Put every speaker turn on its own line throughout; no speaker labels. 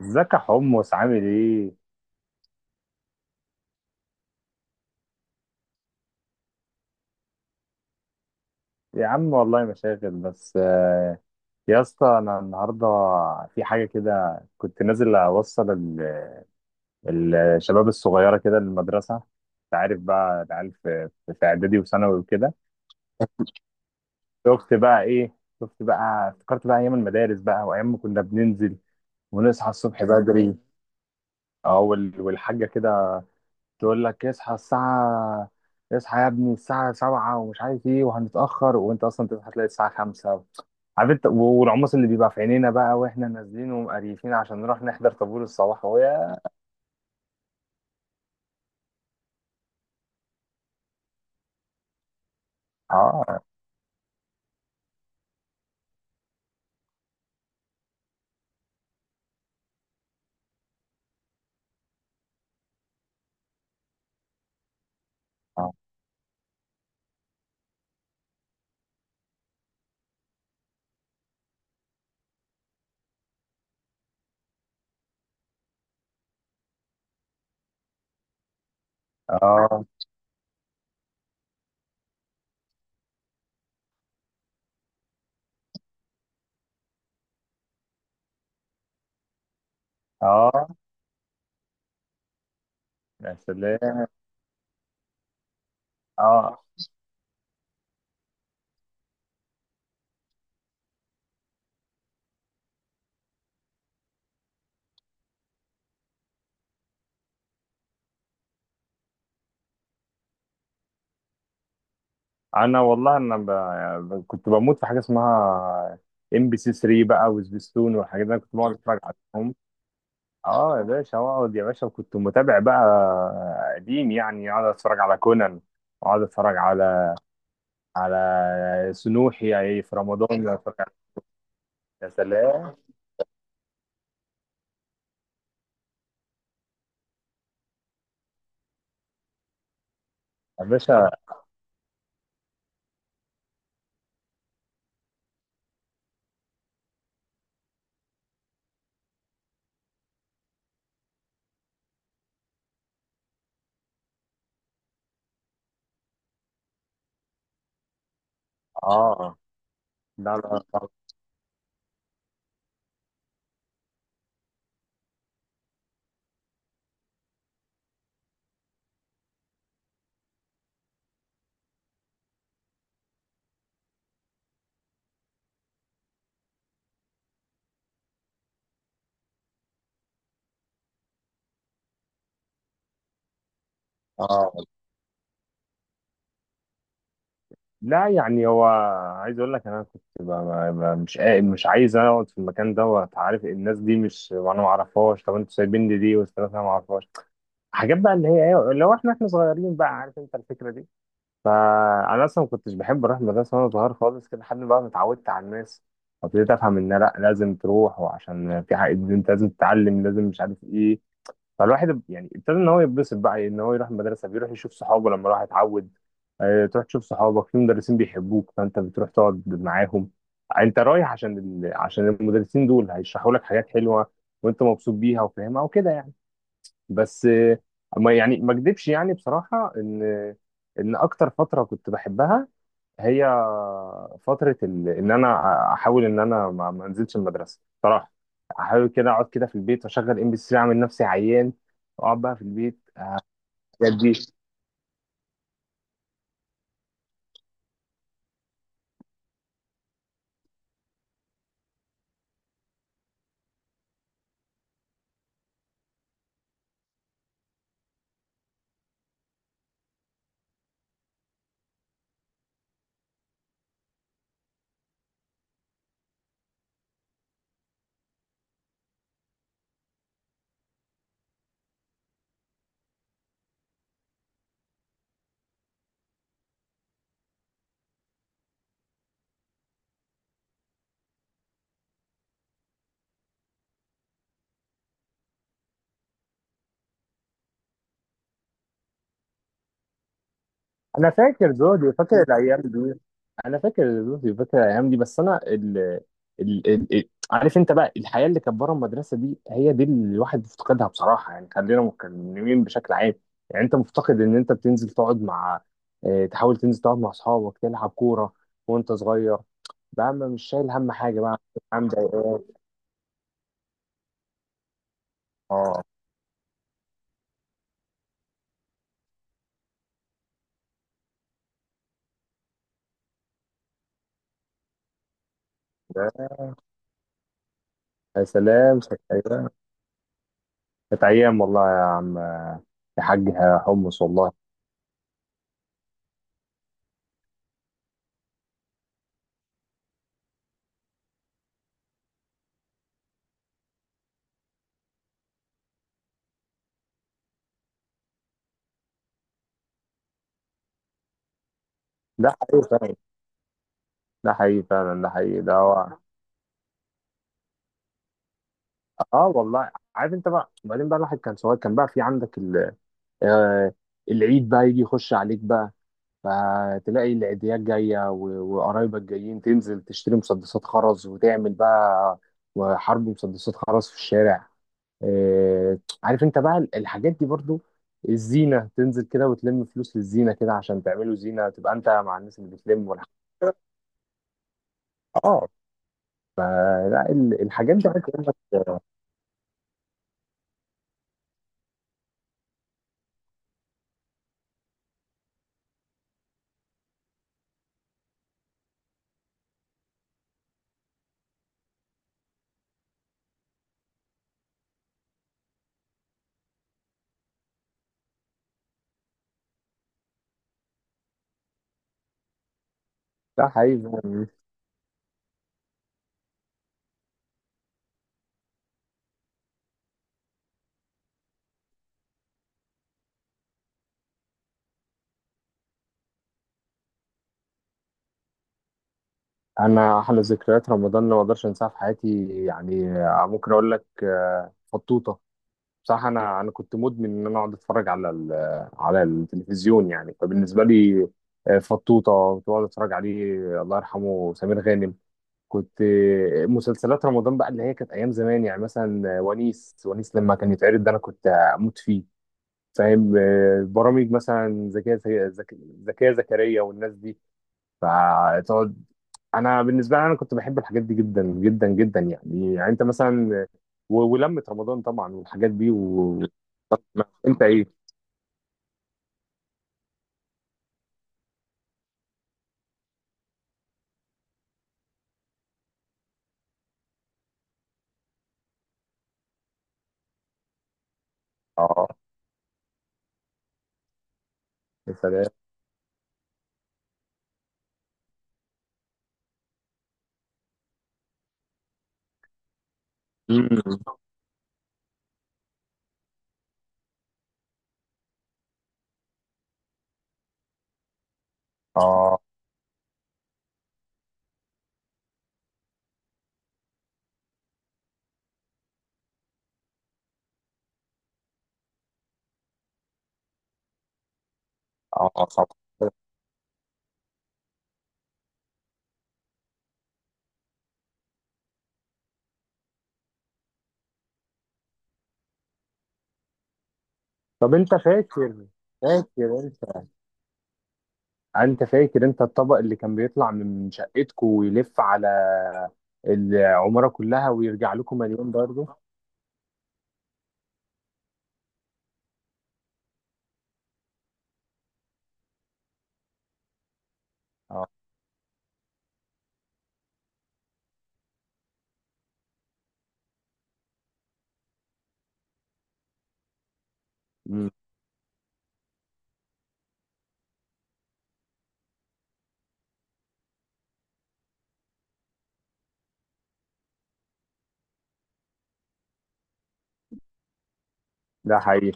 ازيك يا حمص، عامل ايه؟ يا عم والله مشاغل بس يا اسطى انا النهارده في حاجه كده، كنت نازل اوصل الشباب الصغيره كده للمدرسه. انت عارف بقى العيال في اعدادي وثانوي وكده. شفت بقى افتكرت بقى ايام المدارس بقى، وايام ما كنا بننزل ونصحى الصبح بدري. اه والحاجه كده تقول لك اصحى الساعة، اصحى يا ابني الساعة سبعة ومش عارف ايه وهنتأخر، وانت اصلا تصحى تلاقي الساعة خمسة. عارف انت، والعمص اللي بيبقى في عينينا بقى واحنا نازلين ومقريفين عشان نروح نحضر طابور الصباح، ويا... اه، اه، اه، اه، يا سلام، اه. انا والله كنت بموت في حاجة اسمها ام بي سي 3 بقى، وسبيستون والحاجات دي. انا كنت بقعد اتفرج عليهم. اه يا باشا، اقعد يا باشا. وكنت متابع بقى قديم، يعني اقعد اتفرج على كونان، واقعد اتفرج على سنوحي، يعني إيه، في رمضان اتفرج على... يا سلام يا باشا، اه، لا لا لا، اه. لا يعني هو عايز اقول لك، انا كنت مش عايز اقعد في المكان دوت. عارف الناس دي مش انا ما اعرفهاش، طب انتوا سايبين لي دي والثلاثه ما اعرفهاش. حاجات بقى اللي هي ايه لو احنا صغيرين بقى، عارف انت الفكره دي. فانا اصلا ما كنتش بحب اروح المدرسه وانا صغير خالص كده، لحد بقى ما اتعودت على الناس وابتديت افهم ان لا، لازم تروح، وعشان في حاجه انت لازم تتعلم، لازم مش عارف ايه. فالواحد يعني ابتدى ان هو يتبسط بقى ان هو يروح المدرسه، بيروح يشوف صحابه لما راح يتعود. تروح تشوف صحابك، في مدرسين بيحبوك فانت بتروح تقعد معاهم. انت رايح عشان عشان المدرسين دول هيشرحوا لك حاجات حلوه وانت مبسوط بيها وفاهمها وكده يعني. بس ما يعني ما اكدبش، يعني بصراحة ان اكتر فترة كنت بحبها هي فترة ان انا احاول ان انا ما انزلش المدرسة بصراحة. احاول كده اقعد كده في البيت واشغل ام بي سي، اعمل نفسي عيان واقعد بقى في البيت. انا فاكر جودي، فاكر الايام دي. بس انا عارف انت بقى، الحياه اللي كانت بره المدرسه دي هي دي اللي الواحد بيفتقدها بصراحه. يعني خلينا متكلمين بشكل عام، يعني انت مفتقد ان انت بتنزل تقعد مع... تحاول تنزل تقعد مع اصحابك، تلعب كوره وانت صغير بقى، ما مش شايل هم حاجه بقى. عم ضايقان. اه، يا سلام، كانت ايام. كانت ايام والله يا عم، يا حاج حمص، والله. ده حقيقي فعلاً. ده حقيقي فعلا، ده حقيقي، ده هو. اه، والله. عارف انت بقى، وبعدين بقى الواحد كان صغير كان بقى في عندك آه، العيد بقى يجي يخش عليك بقى، فتلاقي العيديات جايه وقرايبك جايين، تنزل تشتري مسدسات خرز وتعمل بقى، وحرب مسدسات خرز في الشارع. آه، عارف انت بقى الحاجات دي برضو، الزينه، تنزل كده وتلم فلوس للزينه كده عشان تعملوا زينه، تبقى انت مع الناس اللي بتلم والحاجات. اه، لا الحاجات دي عايز اقول لك. ده حقيقي. انا احلى ذكريات رمضان اللي ما اقدرش انساها في حياتي، يعني ممكن اقول لك فطوطه. بصراحه انا كنت مدمن ان انا اقعد اتفرج على على التلفزيون، يعني. فبالنسبه لي فطوطه كنت بقعد اتفرج عليه، الله يرحمه سمير غانم. كنت مسلسلات رمضان بقى اللي هي كانت ايام زمان، يعني مثلا ونيس. ونيس لما كان يتعرض ده انا كنت اموت فيه. فاهم، برامج مثلا زكيه، زكيه، زكيه زكريا والناس دي، فتقعد. انا بالنسبه لي انا كنت بحب الحاجات دي جدا جدا جدا، يعني انت مثلا، ولمة رمضان طبعا والحاجات دي و... ما- انت ايه؟ اه، يا سلام، مم. اه، اه، طبعا. طب انت فاكر، فاكر انت انت فاكر انت الطبق اللي كان بيطلع من شقتكم ويلف على العماره كلها ويرجع لكم مليون برضه. اه، مم. ده حقيقي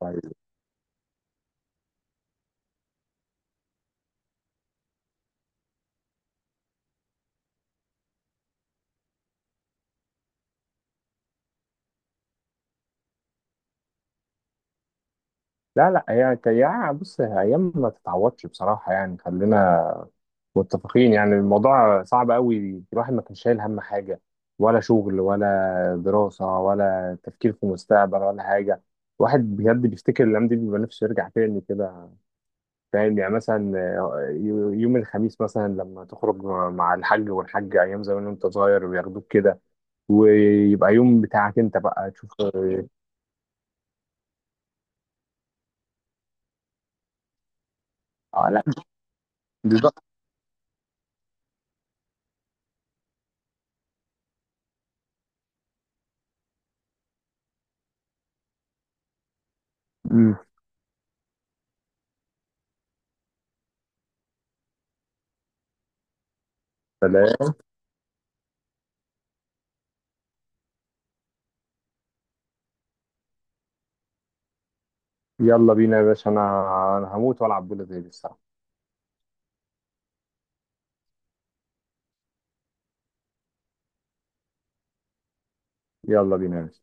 فعلا. لا لا، هي يعني بص، هي ايام ما تتعوضش بصراحه، يعني خلينا متفقين. يعني الموضوع صعب قوي، الواحد ما كانش شايل هم حاجة، ولا شغل ولا دراسة، ولا تفكير في المستقبل، ولا حاجة. الواحد بجد بيفتكر الأيام دي بيبقى نفسه يرجع تاني كده. فاهم، يعني مثلا يوم الخميس مثلا لما تخرج مع الحاج، والحاج أيام زمان وأنت صغير وياخدوك كده، ويبقى يوم بتاعك أنت بقى تشوف. آه، لا، بالظبط. أمم. سلام. يلا بينا يا باشا، أنا هموت وألعب بولا زي دي الساعة. يلا بينا يا باشا.